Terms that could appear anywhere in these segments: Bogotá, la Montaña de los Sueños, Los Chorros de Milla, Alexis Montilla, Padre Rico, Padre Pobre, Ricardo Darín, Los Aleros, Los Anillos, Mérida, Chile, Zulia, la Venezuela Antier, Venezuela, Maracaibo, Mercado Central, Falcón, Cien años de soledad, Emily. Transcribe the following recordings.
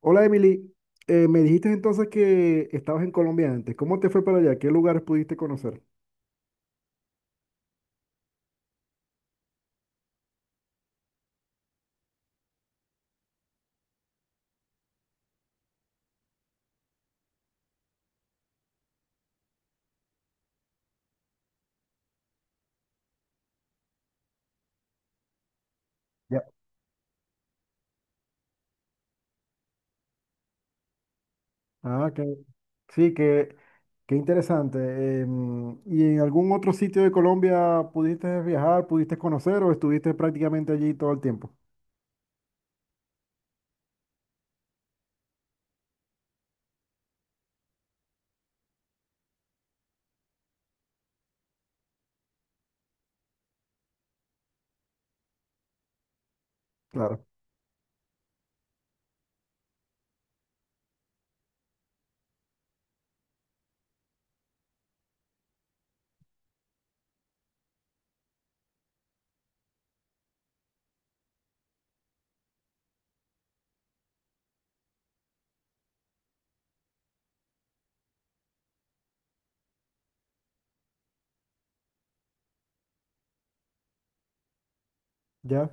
Hola Emily. Me dijiste entonces que estabas en Colombia antes. ¿Cómo te fue para allá? ¿Qué lugares pudiste conocer? Ya. Ah, sí, qué interesante. ¿Y en algún otro sitio de Colombia pudiste viajar, pudiste conocer o estuviste prácticamente allí todo el tiempo? Claro, ya,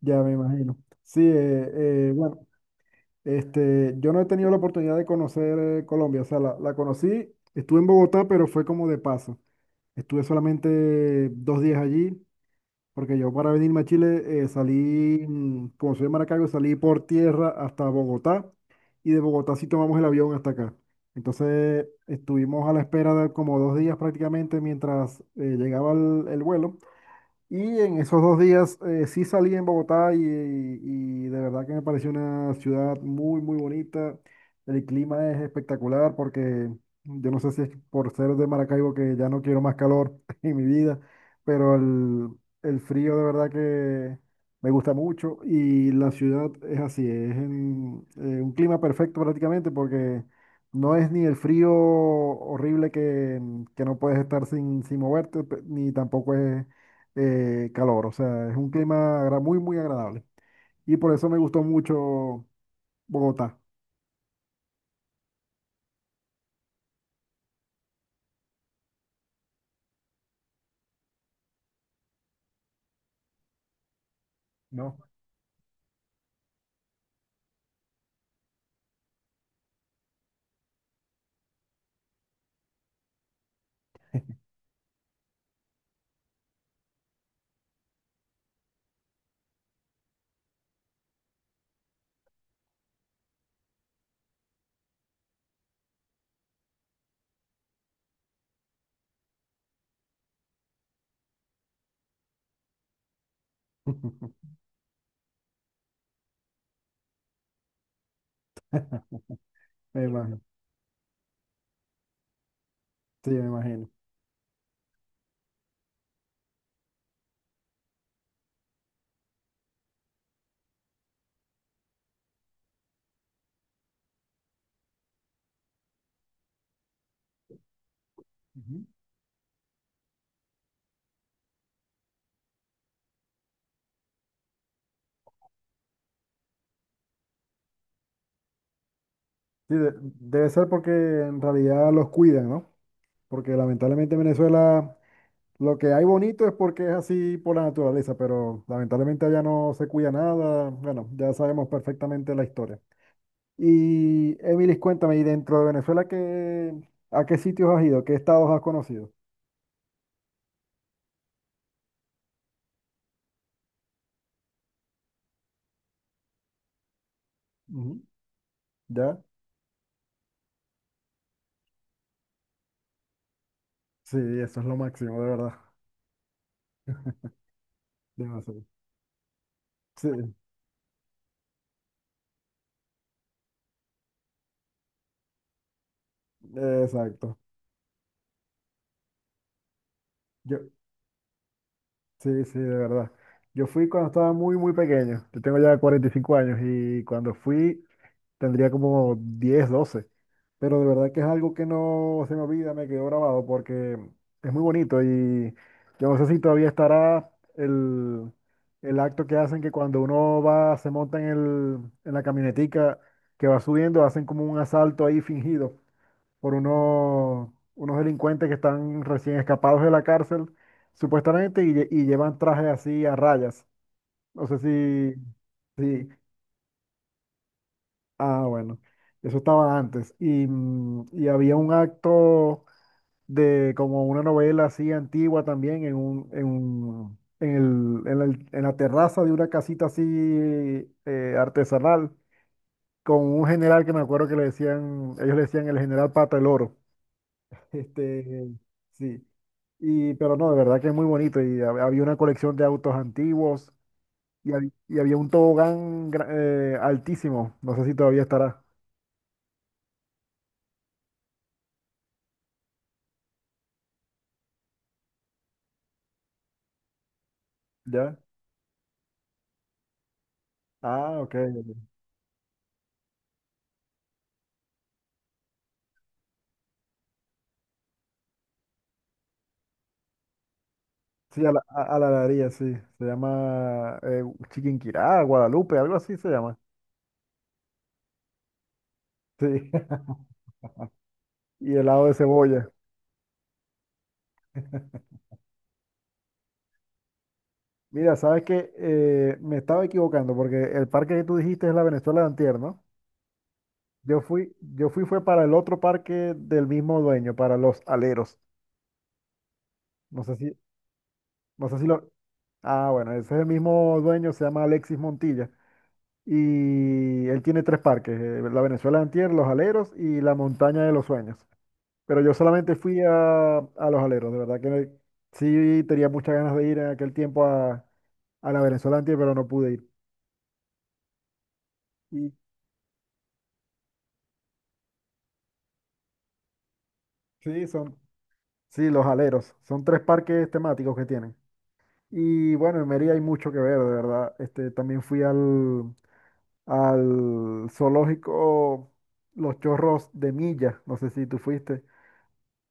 ya me imagino. Sí, bueno, yo no he tenido la oportunidad de conocer Colombia, o sea, la conocí, estuve en Bogotá, pero fue como de paso. Estuve solamente dos días allí. Porque yo para venirme a Chile salí, como soy de Maracaibo, salí por tierra hasta Bogotá y de Bogotá sí tomamos el avión hasta acá. Entonces estuvimos a la espera de como dos días prácticamente mientras llegaba el vuelo y en esos dos días sí salí en Bogotá y de verdad que me pareció una ciudad muy, muy bonita. El clima es espectacular porque yo no sé si es por ser de Maracaibo que ya no quiero más calor en mi vida, pero el frío de verdad que me gusta mucho y la ciudad es así, un clima perfecto prácticamente porque no es ni el frío horrible que no puedes estar sin moverte, ni tampoco es calor, o sea, es un muy, muy agradable. Y por eso me gustó mucho Bogotá, ¿no? Me imagino, sí, me imagino. Ujú. Sí, debe ser porque en realidad los cuidan, ¿no? Porque lamentablemente en Venezuela lo que hay bonito es porque es así por la naturaleza, pero lamentablemente allá no se cuida nada. Bueno, ya sabemos perfectamente la historia. Y Emilis, cuéntame, ¿y dentro de Venezuela a qué sitios has ido? ¿Qué estados has conocido? Ujú. ¿Ya? Sí, eso es lo máximo, de verdad. Demasiado. Sí, exacto. Yo, sí, sí, de verdad. Yo fui cuando estaba muy, muy pequeño. Yo tengo ya 45 años y cuando fui tendría como 10, 12. Pero de verdad que es algo que no se me olvida, me quedó grabado porque es muy bonito y yo no sé si todavía estará el, el acto que hacen que cuando uno va, se monta en en la camionetica que va subiendo, hacen como un asalto ahí fingido por unos delincuentes que están recién escapados de la cárcel, supuestamente, y, y llevan trajes así a rayas. No sé si, ah, bueno, eso estaba antes. Y, y había un acto de como una novela así antigua también en en la terraza de una casita así artesanal, con un general que me acuerdo que le decían, ellos le decían el general Pata el Oro. Este, sí. Y, pero no, de verdad que es muy bonito. Y había una colección de autos antiguos y, y había un tobogán altísimo. No sé si todavía estará. ¿Ya? Ah, ok. Sí, a la heladería, sí. Se llama Chiquinquirá, Guadalupe, algo así se llama. Sí. Y helado de cebolla. Mira, sabes que me estaba equivocando porque el parque que tú dijiste es la Venezuela de antier, ¿no? Yo fui fue para el otro parque del mismo dueño, para los aleros. No sé si, no sé si lo. Ah, bueno, ese es el mismo dueño, se llama Alexis Montilla. Y él tiene 3 parques, la Venezuela Antier, Los Aleros y la Montaña de los Sueños. Pero yo solamente fui a Los Aleros, de verdad que sí tenía muchas ganas de ir en aquel tiempo a la Venezuela Antier, pero no pude ir. Y sí, son, sí, Los Aleros, son 3 parques temáticos que tienen. Y bueno, en Mérida hay mucho que ver, de verdad. También fui al zoológico Los Chorros de Milla, no sé si tú fuiste,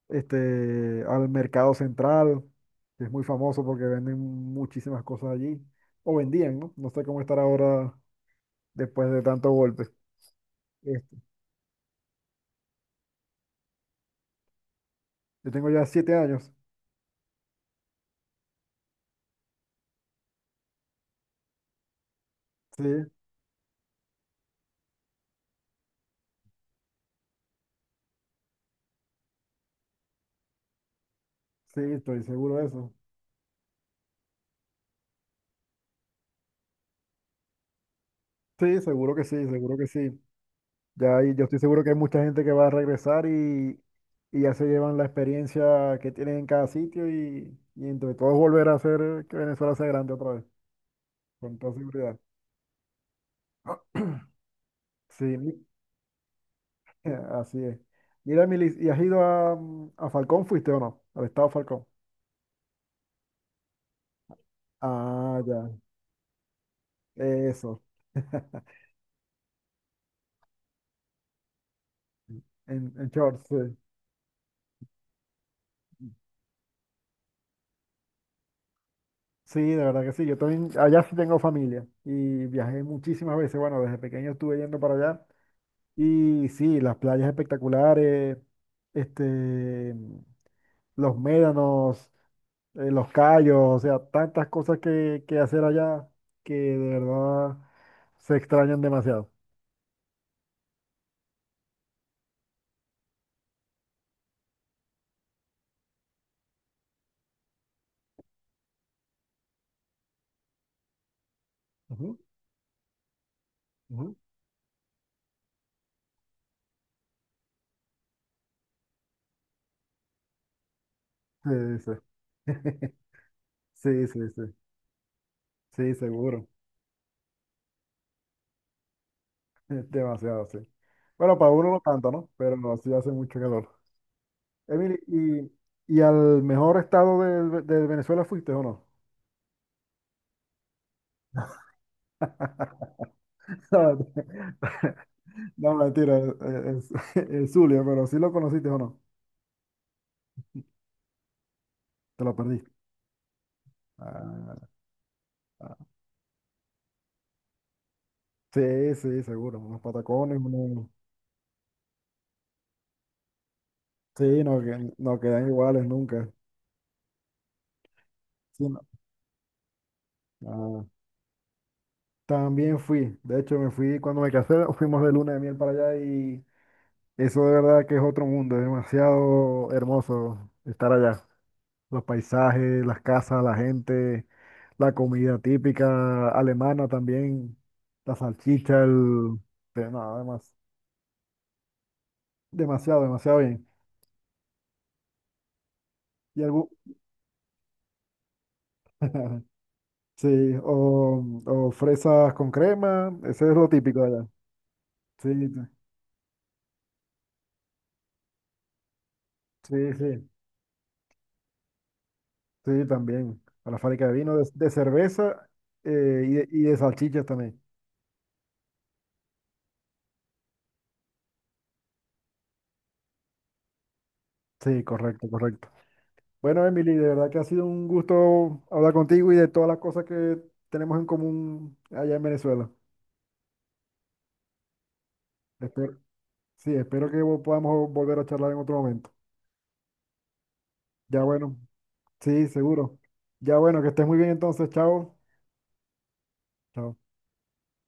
al Mercado Central, que es muy famoso porque venden muchísimas cosas allí, o vendían, ¿no? No sé cómo estar ahora después de tanto golpe. Este, yo tengo ya 7 años, sí, sí, estoy seguro de eso. Sí, seguro que sí, seguro que sí. Ya, yo estoy seguro que hay mucha gente que va a regresar y ya se llevan la experiencia que tienen en cada sitio y entre todos volver a hacer que Venezuela sea grande otra vez, con toda seguridad. Sí, así es. Mira, Milis, ¿y has ido a, a Falcón? ¿Fuiste o no? Al estado Falcón. Ah, ya, eso. En shorts, sí. Sí, de verdad que sí. Yo también, allá sí tengo familia y viajé muchísimas veces. Bueno, desde pequeño estuve yendo para allá. Y sí, las playas espectaculares, este, los médanos, los callos, o sea, tantas cosas que hacer allá que de verdad se extrañan demasiado. Ujú, ujú. Sí, sí. Sí, sí, sí. Sí, seguro. Demasiado, sí. Bueno, para uno no tanto, ¿no? Pero no, sí hace mucho calor. Emily, ¿ y al mejor estado de Venezuela fuiste o no? No, mentira, es Zulia, pero sí lo conociste o no. Te lo perdiste. Ah, ah. Sí, sí, seguro. Unos patacones, unos- Sí, no, no quedan iguales nunca. Sí, no. Ah, también fui. De hecho, me fui cuando me casé, fuimos de luna de miel para allá y eso de verdad que es otro mundo. Es demasiado hermoso estar allá. Los paisajes, las casas, la gente, la comida típica alemana también, la salchicha, el... de Nada más. Demasiado, demasiado bien. Y algo, sí, o fresas con crema, ese es lo típico de allá. Sí, t- sí, sí, sí, también. A la fábrica de vino, de cerveza y, y de salchichas también. Sí, correcto, correcto. Bueno, Emily, de verdad que ha sido un gusto hablar contigo y de todas las cosas que tenemos en común allá en Venezuela. Espero, sí, espero que podamos volver a charlar en otro momento. Ya bueno, sí, seguro. Ya bueno, que estés muy bien entonces, chao. Chao.